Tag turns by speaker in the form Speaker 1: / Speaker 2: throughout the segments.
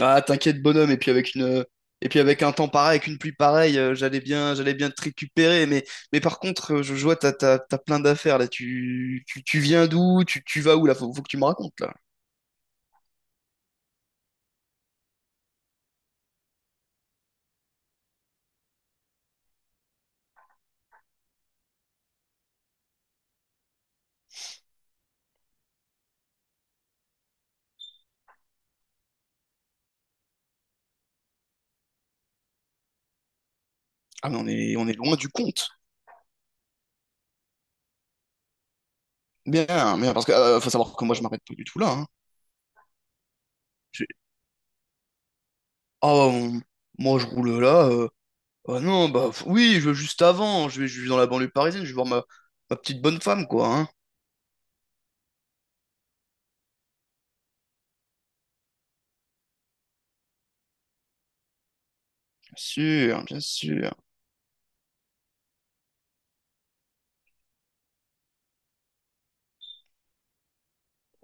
Speaker 1: Ah, t'inquiète, bonhomme, et puis avec un temps pareil, avec une pluie pareille, j'allais bien te récupérer, mais par contre, je vois, t'as plein d'affaires, là, tu viens d'où, tu vas où, là, faut que tu me racontes, là. Ah, mais on est loin du compte. Bien, Bien, parce que, faut savoir que moi, je m'arrête pas du tout là, hein. J'ai- Ah, on- Moi, je roule là, ah non, oui, je vais juste avant, je vais dans la banlieue parisienne, je vais voir ma petite bonne femme, quoi, hein. Bien sûr, bien sûr.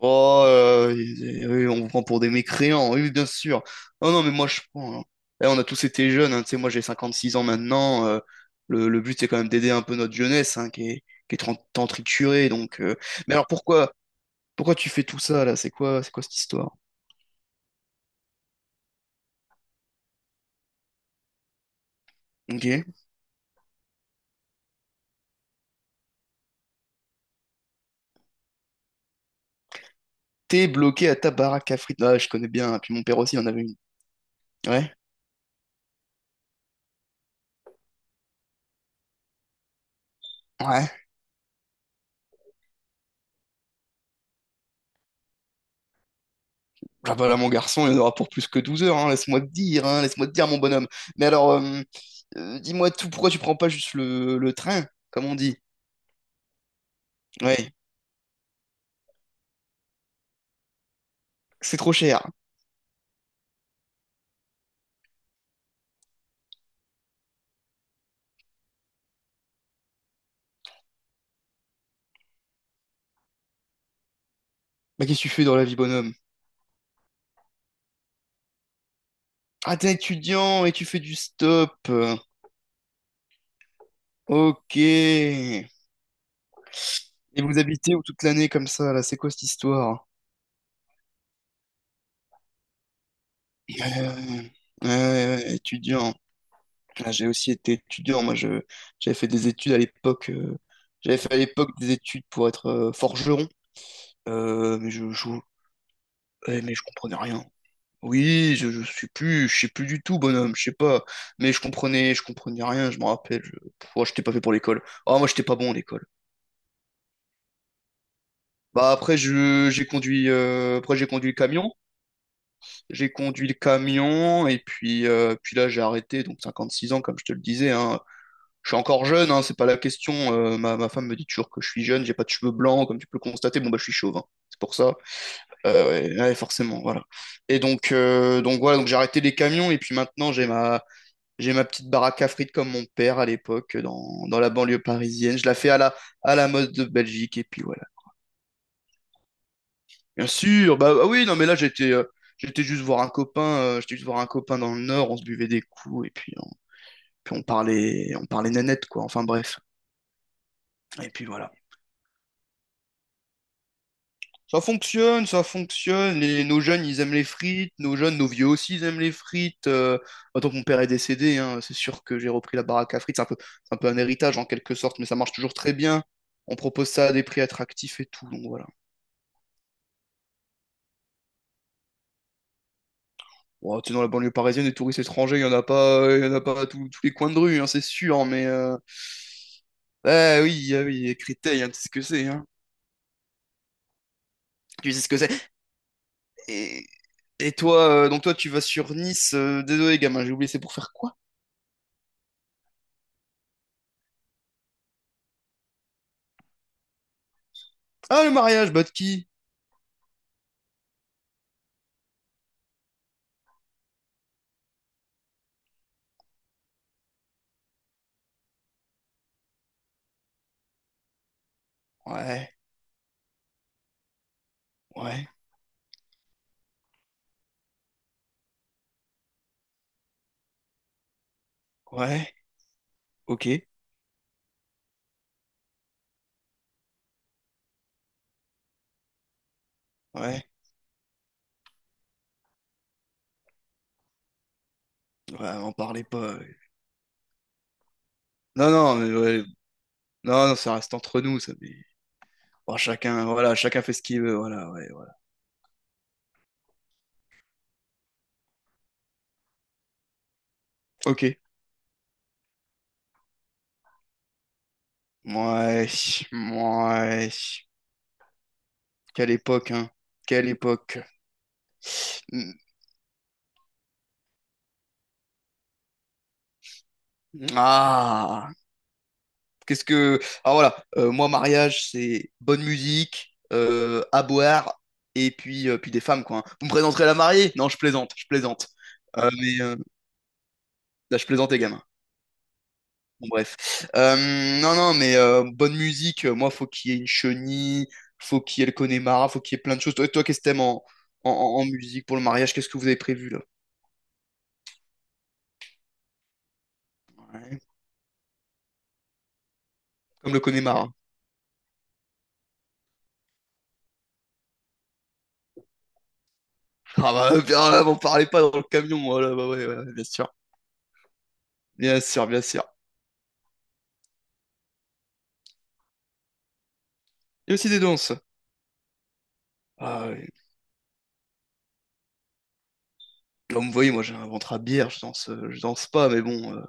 Speaker 1: Oh, on vous prend pour des mécréants, oui, bien sûr. Non, non, mais moi, je prends, hein. Eh, on a tous été jeunes, hein, tu sais, moi, j'ai 56 ans maintenant. Le but, c'est quand même d'aider un peu notre jeunesse, hein, qui est tant triturée. Donc, mais alors, pourquoi tu fais tout ça, là? C'est quoi cette histoire? Ok. T'es bloqué à ta baraque à frites. Là, je connais bien, hein. Puis mon père aussi, il en avait une. Ouais. Ouais. Ah bah là, mon garçon, il y en aura pour plus que 12 heures, hein, laisse-moi te dire, hein, laisse-moi te dire, mon bonhomme. Mais alors, dis-moi tout, pourquoi tu prends pas juste le train, comme on dit? Ouais, c'est trop cher. Bah, qu'est-ce que tu fais dans la vie, bonhomme? Ah, t'es étudiant et tu fais du stop. Ok. Et vous habitez où toute l'année comme ça, là? C'est quoi cette histoire? Euh, ouais, ouais, ouais, étudiant. Ah, j'ai aussi été étudiant, j'avais fait des études à l'époque. J'avais fait à l'époque des études pour être forgeron. Euh, mais je, je- Eh, mais je comprenais rien. Oui, je suis plus, je sais plus du tout, bonhomme, je sais pas. Mais je comprenais rien, je me rappelle. Pff, oh, j'étais pas fait pour l'école. Ah, moi, j'étais pas bon à l'école. Bah après, j'ai conduit, après j'ai conduit le camion, j'ai conduit le camion et puis, puis là j'ai arrêté, donc 56 ans comme je te le disais, hein. Je suis encore jeune, hein, c'est pas la question. Ma femme me dit toujours que je suis jeune, j'ai pas de cheveux blancs, comme tu peux le constater. Bon bah je suis chauve, hein, c'est pour ça. Ouais, ouais, forcément, voilà. Et donc, voilà, donc j'ai arrêté les camions et puis maintenant j'ai ma petite baraque à frites comme mon père à l'époque dans la banlieue parisienne. Je la fais à à la mode de Belgique et puis voilà. Bien sûr, bah, ah oui, non mais là j'étais j'étais juste voir un copain, j'étais juste voir un copain dans le Nord, on se buvait des coups puis on parlait, on parlait nénette quoi. Enfin bref. Et puis voilà. Ça fonctionne, ça fonctionne. Les- nos jeunes, ils aiment les frites. Nos jeunes, nos vieux aussi, ils aiment les frites. Maintenant que mon père est décédé, hein, c'est sûr que j'ai repris la baraque à frites. C'est un peu un héritage en quelque sorte, mais ça marche toujours très bien. On propose ça à des prix attractifs et tout. Donc voilà. Bon, tu sais, dans la banlieue parisienne, des touristes étrangers, il y en a pas à tous tous les coins de rue, hein, c'est sûr. Mais ah oui, ah oui, Créteil, hein, tu sais ce que c'est, hein. Tu sais ce que c'est. Et, et toi, toi, tu vas sur Nice. Désolé, gamin, j'ai oublié. C'est pour faire quoi? Ah, le mariage, bah de qui? Ouais, ouais, ouais, ok, ouais, ouais, en parlez pas, ouais. Non, non, mais ouais, non, non, ça reste entre nous, ça, mais... bon, chacun, voilà, chacun fait ce qu'il veut, voilà, ouais, ouais. Ok. Ouais, ouais, quelle époque, hein, quelle époque. Mm. Ah, qu'est-ce que... Ah, voilà, moi, mariage, c'est bonne musique, à boire, et puis, puis des femmes, quoi, hein. Vous me présenterez la mariée? Non, je plaisante, je plaisante. Euh, mais, euh, là, je plaisante, les gamins. Bon, bref. Euh, non, non, mais bonne musique, moi, faut qu'il y ait une chenille, faut qu'il y ait le Connemara, faut qu'il y ait plein de choses. Toi, toi, qu'est-ce que t'aimes en, en, en- musique pour le mariage? Qu'est-ce que vous avez prévu là? Ouais. Comme le Connemara. Ah bah, bien, là, vous parlez pas dans le camion, voilà, bah ouais, ouais, bien sûr. Bien sûr, bien sûr. Il y a aussi des danses. Ah, ouais. Comme vous voyez, moi j'ai un ventre à bière, je danse pas, mais bon.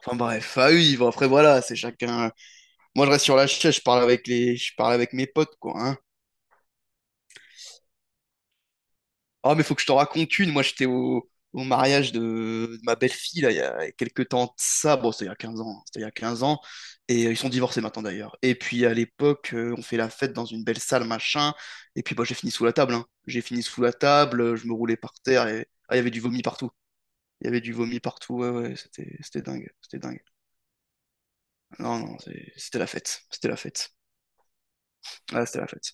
Speaker 1: Enfin bref, ah oui, bon, après voilà, c'est chacun. Moi je reste sur la chaise, je parle avec mes potes quoi, hein. Oh, mais faut que je te raconte une. Moi, j'étais au mariage de ma belle-fille, là, il y a quelques temps de ça. Bon, c'était il y a 15 ans, hein. C'était il y a 15 ans. Et ils sont divorcés maintenant, d'ailleurs. Et puis, à l'époque, on fait la fête dans une belle salle, machin. Et puis, bah, j'ai fini sous la table, hein. J'ai fini sous la table. Je me roulais par terre. Et... Ah, il y avait du vomi partout. Il y avait du vomi partout. Ouais, ouais, c'était dingue. C'était dingue. Non, non, c'était la fête. C'était la fête. Ah, c'était la fête.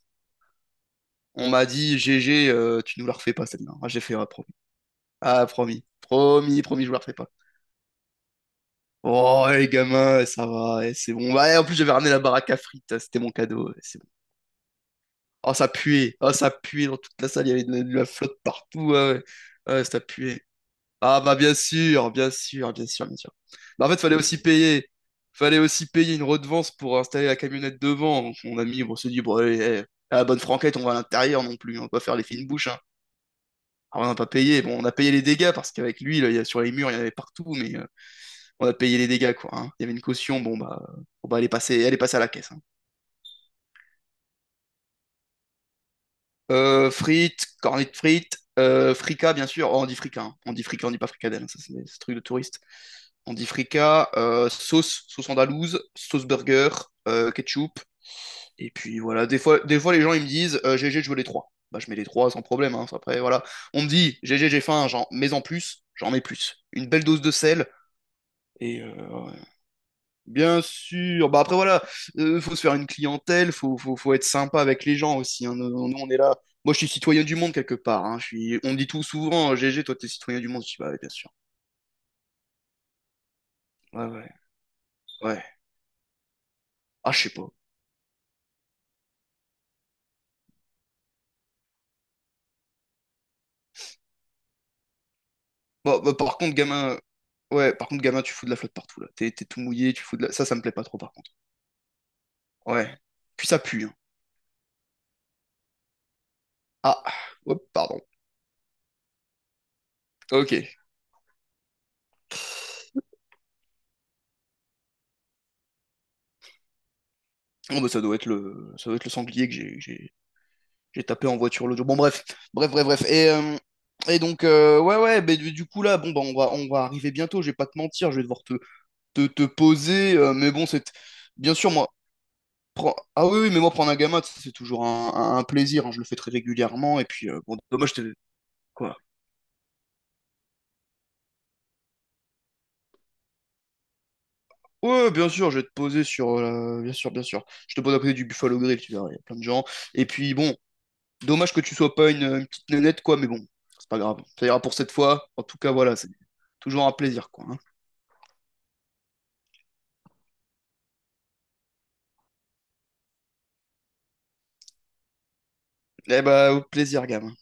Speaker 1: On m'a dit, GG, tu nous la refais pas, celle-là. Ah, j'ai fait, ouais, promis. Ah, promis. Promis, promis, je vous la refais pas. Oh, les gamins, ouais, ça va, eh, c'est bon. Ouais, en plus, j'avais ramené la baraque à frites, c'était mon cadeau, ouais, c'est bon. Oh, ça puait dans toute la salle, il y avait de de la flotte partout, ouais, ouais, ouais, ça puait. Ah, bah, bien sûr, bien sûr, bien sûr, bien sûr. Bah, en fait, fallait aussi payer une redevance pour installer la camionnette devant. Donc, mon ami, on s'est dit, bon, allez, eh, à la bonne franquette, on va à l'intérieur non plus, on va pas faire les fines bouches, hein. Alors, on n'a pas payé, bon, on a payé les dégâts parce qu'avec lui, là, il y a, sur les murs, il y en avait partout, mais. On a payé les dégâts, quoi, hein. Il y avait une caution, bon, bah, elle est passée à la caisse, hein. Frites, cornets de frites, fricas, bien sûr. Oh, on dit fricas, hein. On dit fricas, on dit pas fricadelle, hein. Ça c'est ce truc de touriste. On dit fricas, sauce, sauce andalouse, sauce burger, ketchup. Et puis voilà, des fois les gens ils me disent GG, je veux les trois. Bah je mets les trois sans problème, hein. Après voilà, on me dit GG, j'ai faim, j'en mets en plus, j'en mets plus. Une belle dose de sel et bien sûr. Bah après voilà, faut se faire une clientèle, faut être sympa avec les gens aussi, hein. Nous, nous, on est là. Moi je suis citoyen du monde quelque part, hein. Je suis... On me dit tout souvent, GG, toi t'es citoyen du monde. Je dis bah ouais, bien sûr. Ouais, ouais, ouais. Ah je sais pas. Bah, bah, par contre gamin, ouais, par contre gamin, tu fous de la flotte partout là. T'es, t'es tout mouillé, tu fous de la. Ça me plaît pas trop par contre. Ouais. Puis ça pue, hein. Ah. Hop, pardon. Ok. Bon bah ça doit être le, ça doit être le sanglier que j'ai, que j'ai tapé en voiture l'audio. Bon, bref, bref, bref. Et, ouais, ouais, mais du coup, là, bon, bah, on va arriver bientôt, je vais pas te mentir, je vais devoir te, te, te poser, mais bon, c'est... Bien sûr, moi, oui, mais moi, prendre un gamin, c'est toujours un plaisir, hein, je le fais très régulièrement, et puis, bon, dommage, je t'ai... Quoi? Ouais, bien sûr, je vais te poser sur... bien sûr, bien sûr. Je te pose à côté du Buffalo Grill, tu verras, il y a plein de gens. Et puis, bon, dommage que tu sois pas une petite nénette, quoi, mais bon, c'est pas grave. Ça ira pour cette fois. En tout cas, voilà, c'est toujours un plaisir, quoi, hein. Eh bah, au plaisir, gamin.